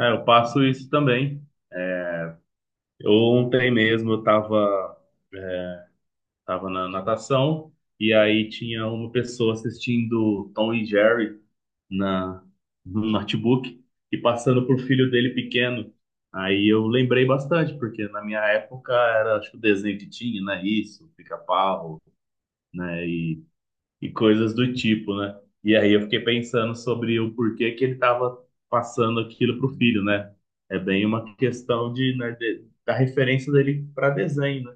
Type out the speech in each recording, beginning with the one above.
É, eu passo isso também. É, Eu, ontem mesmo eu estava tava na natação e aí tinha uma pessoa assistindo Tom e Jerry na, no notebook e passando por filho dele pequeno. Aí eu lembrei bastante, porque na minha época era, acho que o desenho que tinha, né? Isso, Pica-Pau, né? E coisas do tipo, né? E aí eu fiquei pensando sobre o porquê que ele estava passando aquilo pro filho, né? É bem uma questão de, né, da referência dele para desenho, né?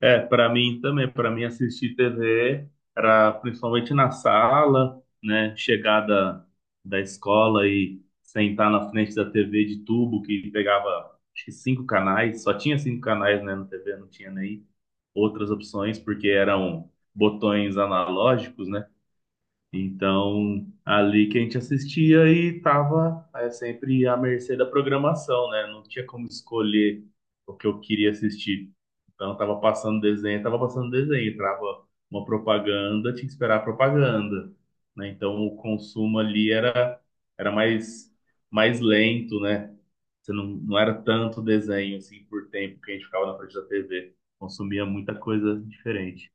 É, para mim também, para mim assistir TV era principalmente na sala, né? Chegada da da escola e sentar na frente da TV de tubo que pegava acho que 5 canais, só tinha cinco canais, né, na TV, não tinha nem outras opções porque eram botões analógicos, né? Então, ali que a gente assistia e tava sempre à mercê da programação, né? Não tinha como escolher o que eu queria assistir. Então, tava passando desenho, entrava uma propaganda, tinha que esperar a propaganda, né? Então, o consumo ali era mais lento, né? Você não, não era tanto desenho, assim, por tempo que a gente ficava na frente da TV. Consumia muita coisa diferente.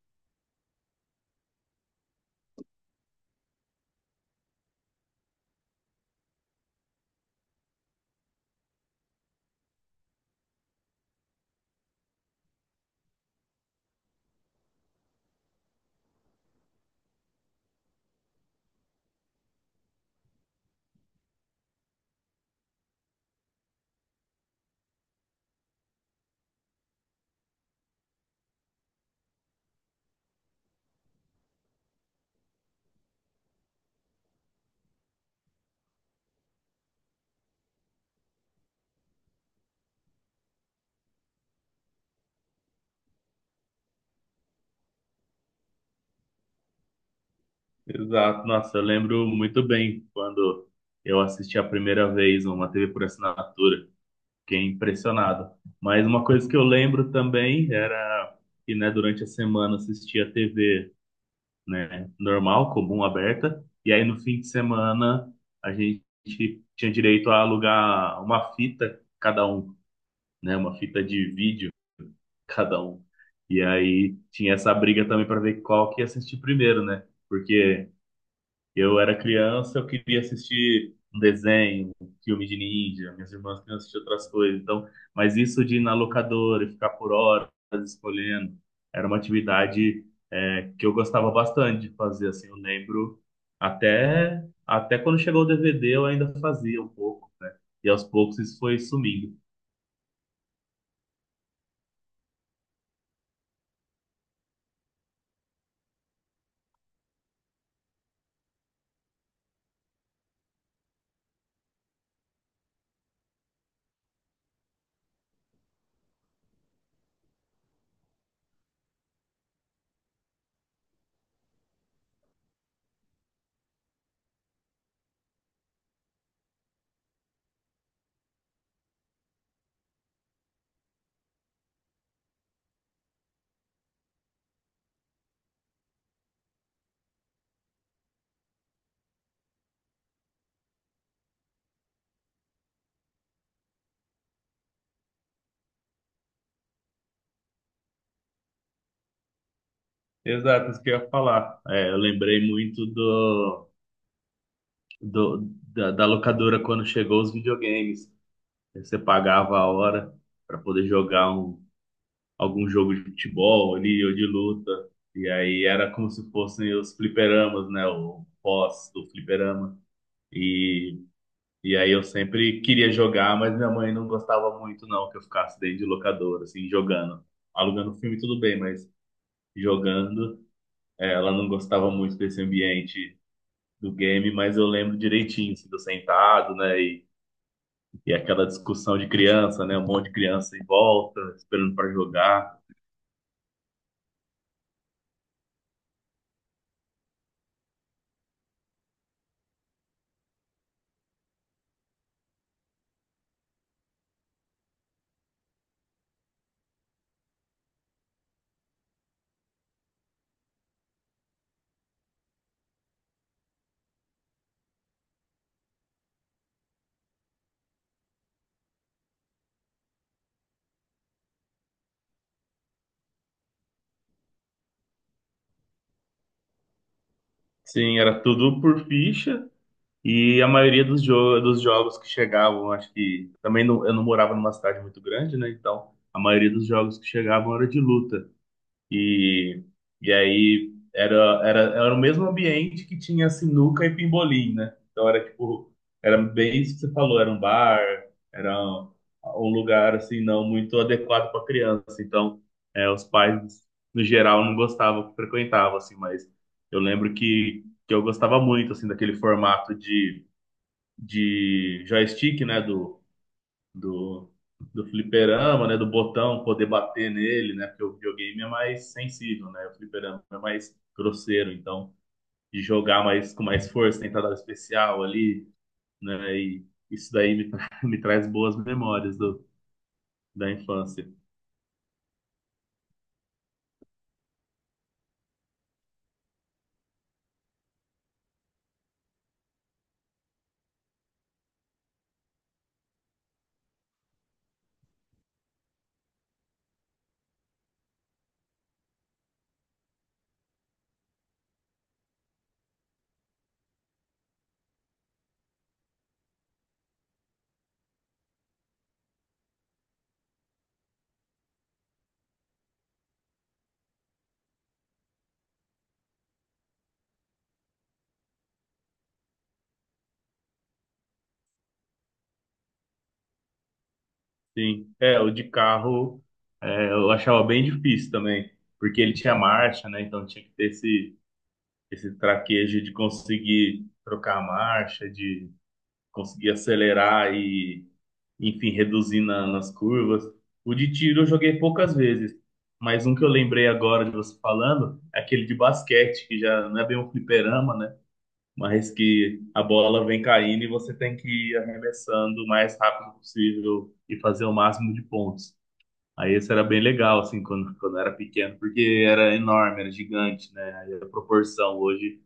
Exato. Nossa, eu lembro muito bem quando eu assisti a primeira vez uma TV por assinatura. Fiquei impressionado. Mas uma coisa que eu lembro também era que, né, durante a semana eu assistia TV, né, normal, comum, aberta. E aí no fim de semana a gente tinha direito a alugar uma fita cada um, né, uma fita de vídeo cada um. E aí tinha essa briga também para ver qual que ia assistir primeiro, né? Porque eu era criança, eu queria assistir um desenho, um filme de ninja, minhas irmãs queriam assistir outras coisas. Então, mas isso de ir na locadora e ficar por horas escolhendo, era uma atividade que eu gostava bastante de fazer. Assim, eu lembro até quando chegou o DVD eu ainda fazia um pouco, né? E aos poucos isso foi sumindo. Exato, isso que eu ia falar. É, eu lembrei muito da locadora quando chegou os videogames. Você pagava a hora para poder jogar algum jogo de futebol ali ou de luta. E aí era como se fossem os fliperamas, né? O pós do fliperama. E, e aí eu sempre queria jogar, mas minha mãe não gostava muito, não, que eu ficasse dentro de locadora, assim, jogando. Alugando filme, tudo bem, mas jogando, ela não gostava muito desse ambiente do game, mas eu lembro direitinho, assim, do sentado, né? E aquela discussão de criança, né? Um monte de criança em volta, esperando para jogar. Sim, era tudo por ficha. E a maioria dos jogos que chegavam, acho que também não, eu não morava numa cidade muito grande, né? Então a maioria dos jogos que chegavam era de luta. E, e aí era o mesmo ambiente que tinha sinuca e pimbolim, né? Então era tipo, era bem isso que você falou, era um bar, era um lugar assim não muito adequado para criança. Então, é, os pais no geral não gostavam que frequentavam assim, mas eu lembro que eu gostava muito assim daquele formato de joystick, né, do, do fliperama, né? Do botão poder bater nele, né? Porque o videogame é mais sensível, né? O fliperama é mais grosseiro, então de jogar mais com mais força, tentar dar o especial ali, né? E isso daí me traz boas memórias do, da infância. Sim, é, o de carro é, eu achava bem difícil também, porque ele tinha marcha, né? Então tinha que ter esse traquejo de conseguir trocar a marcha, de conseguir acelerar e enfim, reduzir nas curvas. O de tiro eu joguei poucas vezes, mas um que eu lembrei agora de você falando é aquele de basquete, que já não é bem um fliperama, né? Mas que a bola vem caindo e você tem que ir arremessando o mais rápido possível e fazer o máximo de pontos. Aí esse era bem legal, assim, quando eu era pequeno, porque era enorme, era gigante, né? Aí a proporção hoje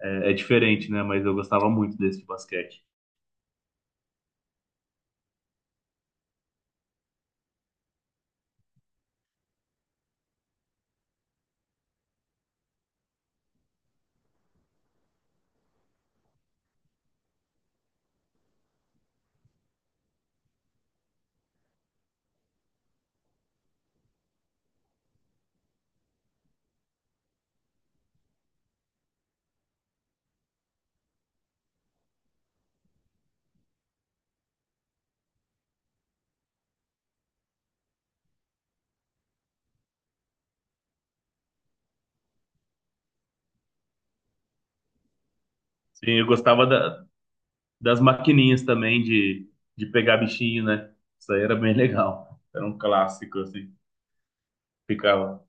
é diferente, né? Mas eu gostava muito desse de basquete. Sim, eu gostava das maquininhas também de pegar bichinho, né? Isso aí era bem legal. Era um clássico, assim. Ficava.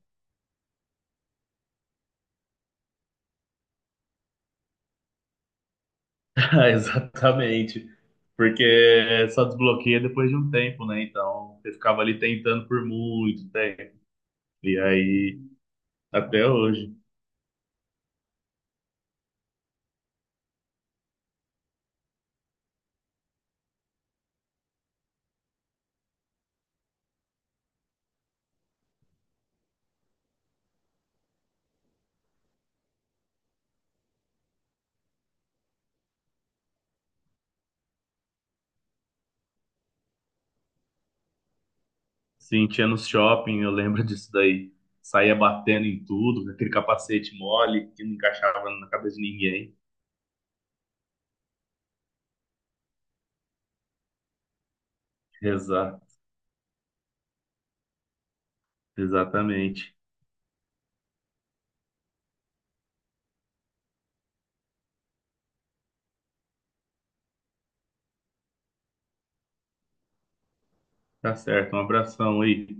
Ah, exatamente. Porque só desbloqueia depois de um tempo, né? Então, você ficava ali tentando por muito tempo. E aí, até hoje. Sim, tinha no shopping, eu lembro disso daí. Saía batendo em tudo, com aquele capacete mole que não encaixava na cabeça de ninguém. Exato, exatamente. Tá certo, um abração aí.